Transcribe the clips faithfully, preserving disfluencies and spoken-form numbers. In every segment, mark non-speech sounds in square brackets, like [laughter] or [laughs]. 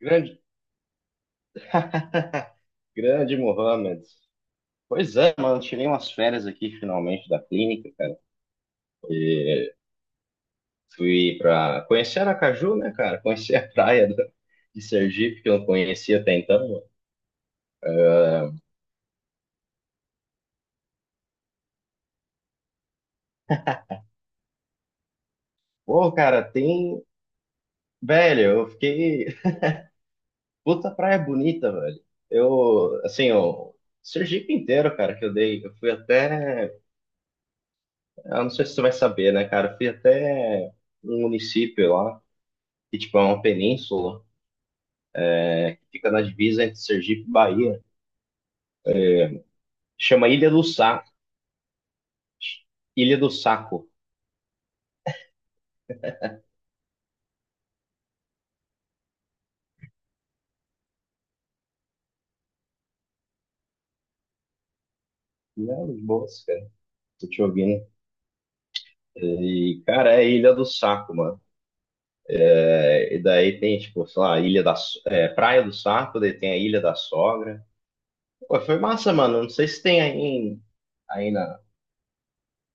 Grande, grande Mohamed. Pois é, mano, tirei umas férias aqui finalmente da clínica, cara. E fui pra conhecer Aracaju, né, cara? Conhecer a praia da- de Sergipe, que eu não conhecia até então, mano. Pô, cara, tem. Velho, eu fiquei. Puta praia bonita, velho. Eu, assim, o Sergipe inteiro, cara, que eu dei. Eu fui até. Eu não sei se você vai saber, né, cara? Eu fui até um município lá, que, tipo, é uma península, que fica na divisa entre Sergipe e Bahia. Chama Ilha do Saco. Ilha do Saco. Não, de boas, cara. Tô te ouvindo. E, cara, é Ilha do Saco, mano. É, e daí tem, tipo, sei lá, Ilha da, So- é, Praia do Saco, daí tem a Ilha da Sogra. Pô, foi massa, mano. Não sei se tem aí, em- aí, na,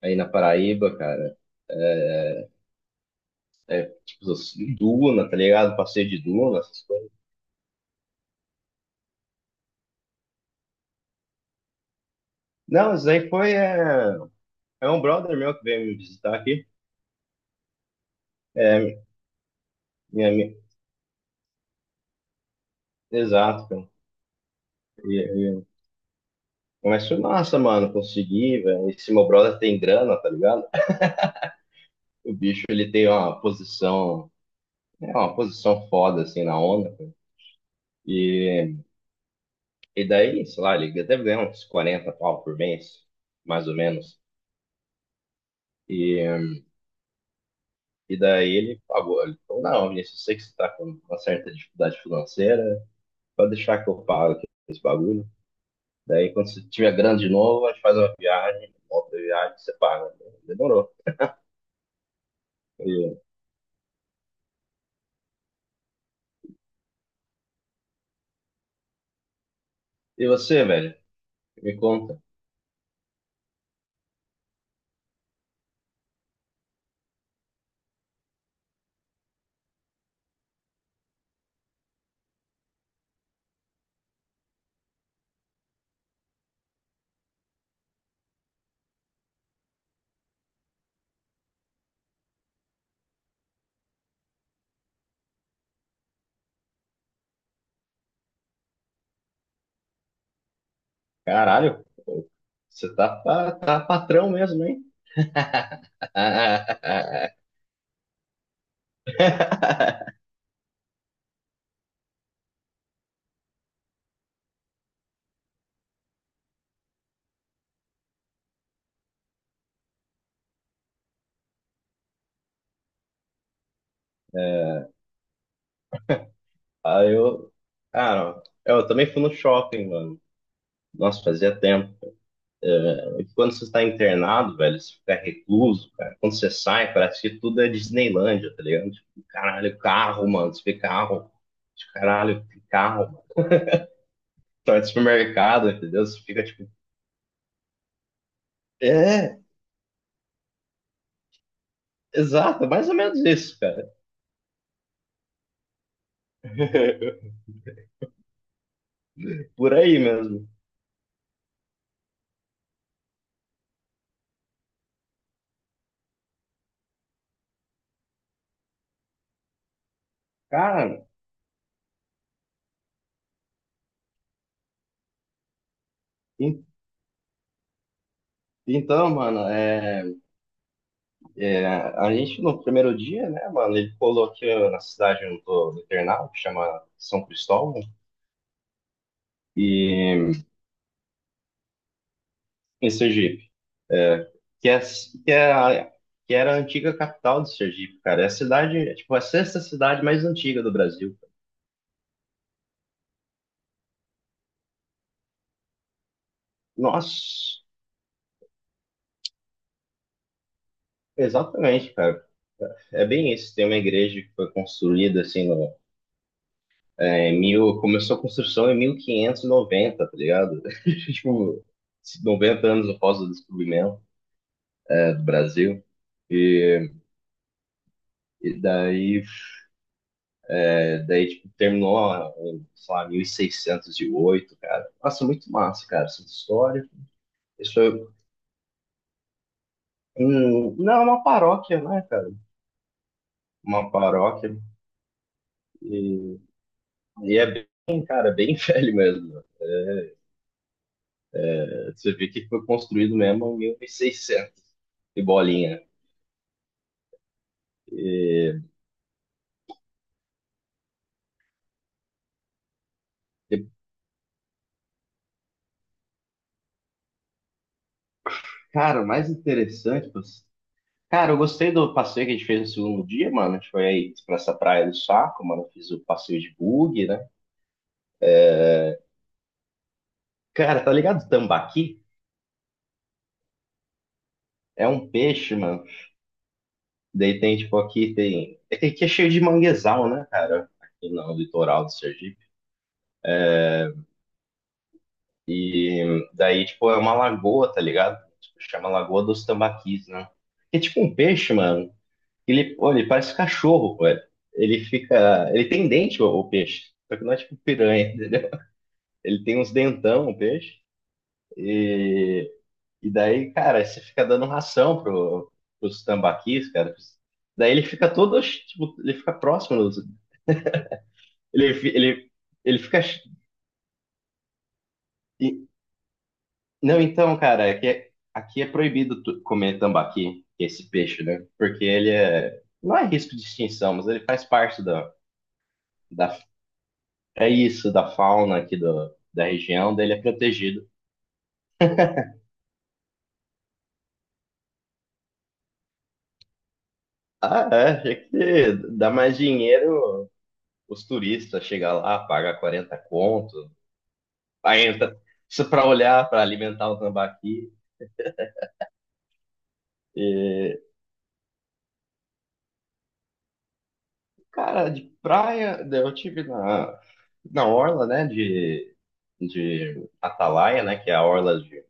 aí na Paraíba, cara. Tipo, assim, Duna, tá ligado? Passeio de Duna, essas coisas. Não, isso aí foi. É, é um brother meu que veio me visitar aqui. Minha, minha- Exato, cara. E- e- Mas foi massa, mano. Consegui, velho. Esse meu brother tem grana, tá ligado? O bicho ele tem uma posição, é uma posição foda assim na onda. E, e daí, sei lá, ele deve ganhar uns quarenta pau por mês, mais ou menos. E, e daí ele pagou. Ele falou, não, Vinícius, eu sei que você tá com uma certa dificuldade financeira, pode deixar que eu pago aqui esse bagulho. Daí quando você tiver grande de novo, a gente faz uma viagem, volta a viagem, você paga. Demorou. E, e você, velho, me conta. Caralho, pô, você tá, tá, tá patrão mesmo, hein? [laughs] [laughs] É, aí eu, cara, eu também fui no shopping, mano. Nossa, fazia tempo. E quando você está internado, velho, você fica recluso, cara. Quando você sai, parece que tudo é Disneylândia, tá ligado? Tipo, caralho, carro, mano. Você vê carro. Tipo, caralho, que carro, mano. Tá de supermercado, entendeu? Você fica tipo. É, exato, é mais ou menos isso, cara. [laughs] Por aí mesmo. Cara, en- então, mano, é. É, a gente, no primeiro dia, né, mano, ele colou aqui ó, na cidade do, do Ternal, que chama São Cristóvão, e em Sergipe, é, que, é, que, é a, que era a antiga capital de Sergipe, cara. É a cidade, é, tipo, a sexta cidade mais antiga do Brasil. Nossa, exatamente, cara. É bem isso. Tem uma igreja que foi construída, assim, no, é, em mil, começou a construção em mil quinhentos e noventa, tá ligado? [laughs] Tipo, noventa anos após o descobrimento, né, do Brasil. E E daí, é, daí tipo, terminou, ó, em, sei lá, mil e seiscentos e oito, cara. Nossa, muito massa, cara, essa história. Isso é um, não é uma paróquia, né, cara? Uma paróquia. E é, bem, cara, bem [laughs] velho mesmo, né? Você vê que foi construído mesmo em mil e seiscentos e seiscentos e bolinha. E, cara, o mais interessante, tipo, cara, eu gostei do passeio que a gente fez no segundo dia, mano. A gente foi aí pra essa praia do Saco, mano. Eu fiz o passeio de bug, né? Cara, tá ligado o tambaqui? É um peixe, mano. Daí tem, tipo, aqui tem. É que aqui é cheio de manguezal, né, cara? Aqui no litoral do Sergipe. E daí, tipo, é uma lagoa, tá ligado? Tipo, chama Lagoa dos Tambaquis, né? Que é tipo um peixe, mano. Ele, pô, ele parece cachorro, pô. É, ele fica. Ele tem dente, o, o peixe. Só que não é tipo piranha, [laughs] entendeu? Ele tem uns dentão, o peixe. E, e daí, cara, você fica dando ração pro, pros tambaquis, cara. Daí ele fica todo, tipo, ele fica próximo dos, Ele, fi- ele, ele fica. Ch- e- Não, então, cara, é que é, aqui é proibido tu- comer tambaqui, que é esse peixe, né? Porque ele é. Não é risco de extinção, mas ele faz parte da, da. É isso, da fauna aqui do, da região, dele é protegido. Ah, é, é que dá mais dinheiro os turistas chegar lá, paga quarenta conto, aí entra isso pra olhar, pra alimentar o tambaqui. E, cara, de praia, eu tive na, na orla, né, de, de Atalaia, né? Que é a orla de.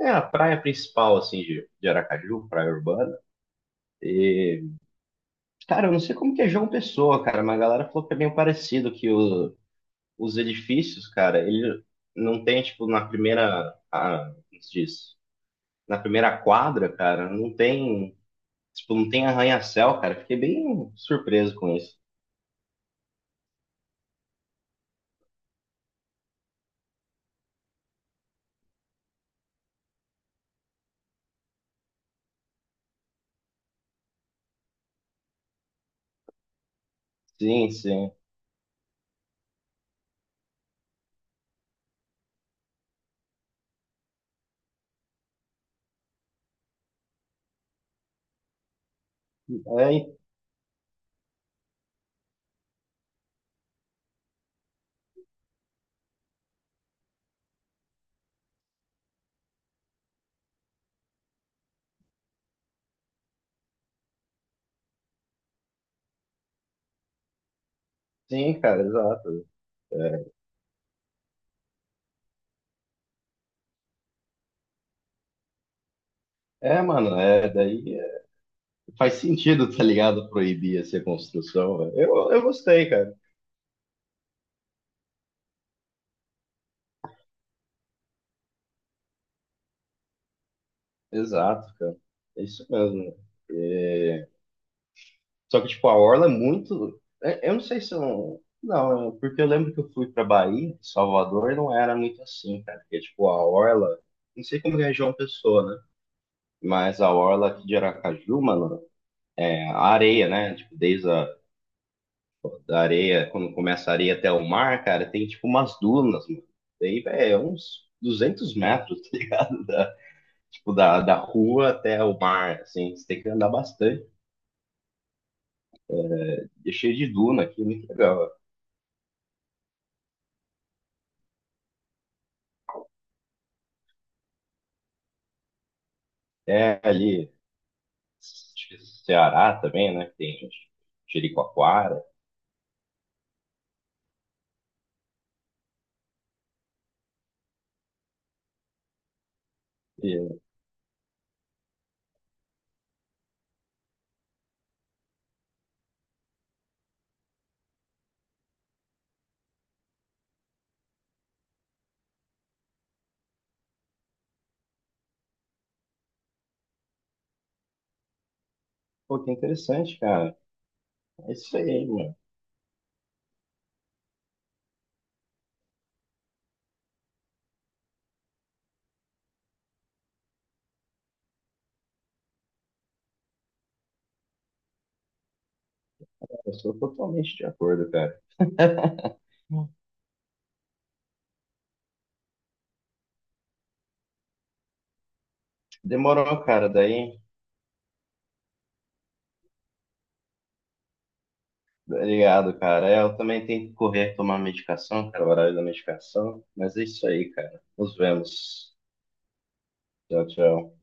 É a praia principal, assim, de, de Aracaju, praia urbana. E, cara, eu não sei como que é João Pessoa, cara, mas a galera falou que é meio parecido, que o- os edifícios, cara, ele não tem, tipo, na primeira. Ah, como se diz? Na primeira quadra, cara, não tem. Tipo, não tem arranha-céu, cara. Fiquei bem surpreso com isso. Sim, sim. É, sim, cara, exato. É, é, mano, é daí. Faz sentido, tá ligado? Proibir essa construção, velho. Eu, eu gostei, cara. Exato, cara. É isso mesmo. É, só que, tipo, a Orla é muito. É- Eu não sei se eu não. Não, é um, porque eu lembro que eu fui pra Bahia, Salvador, e não era muito assim, cara. Porque, tipo, a Orla. Não sei como que é a região Pessoa, né? Mas a Orla aqui de Aracaju, mano, é a areia, né? Tipo, desde a da areia, quando começa a areia até o mar, cara, tem, tipo, umas dunas, mano. Daí, velho, é uns duzentos metros, [laughs] tá ligado? Tipo, da, da rua até o mar, assim. Você tem que andar bastante. E é cheio de duna aqui, muito legal. É ali, acho que Ceará também, né? Que tem Jericoacoara. E, pô, que interessante, cara. É isso aí, mano. Eu sou totalmente de acordo, cara. Demorou, cara. Daí, obrigado, cara. É, eu também tenho que correr tomar medicação, cara, o horário da medicação. Mas é isso aí, cara. Nos vemos. Tchau, tchau.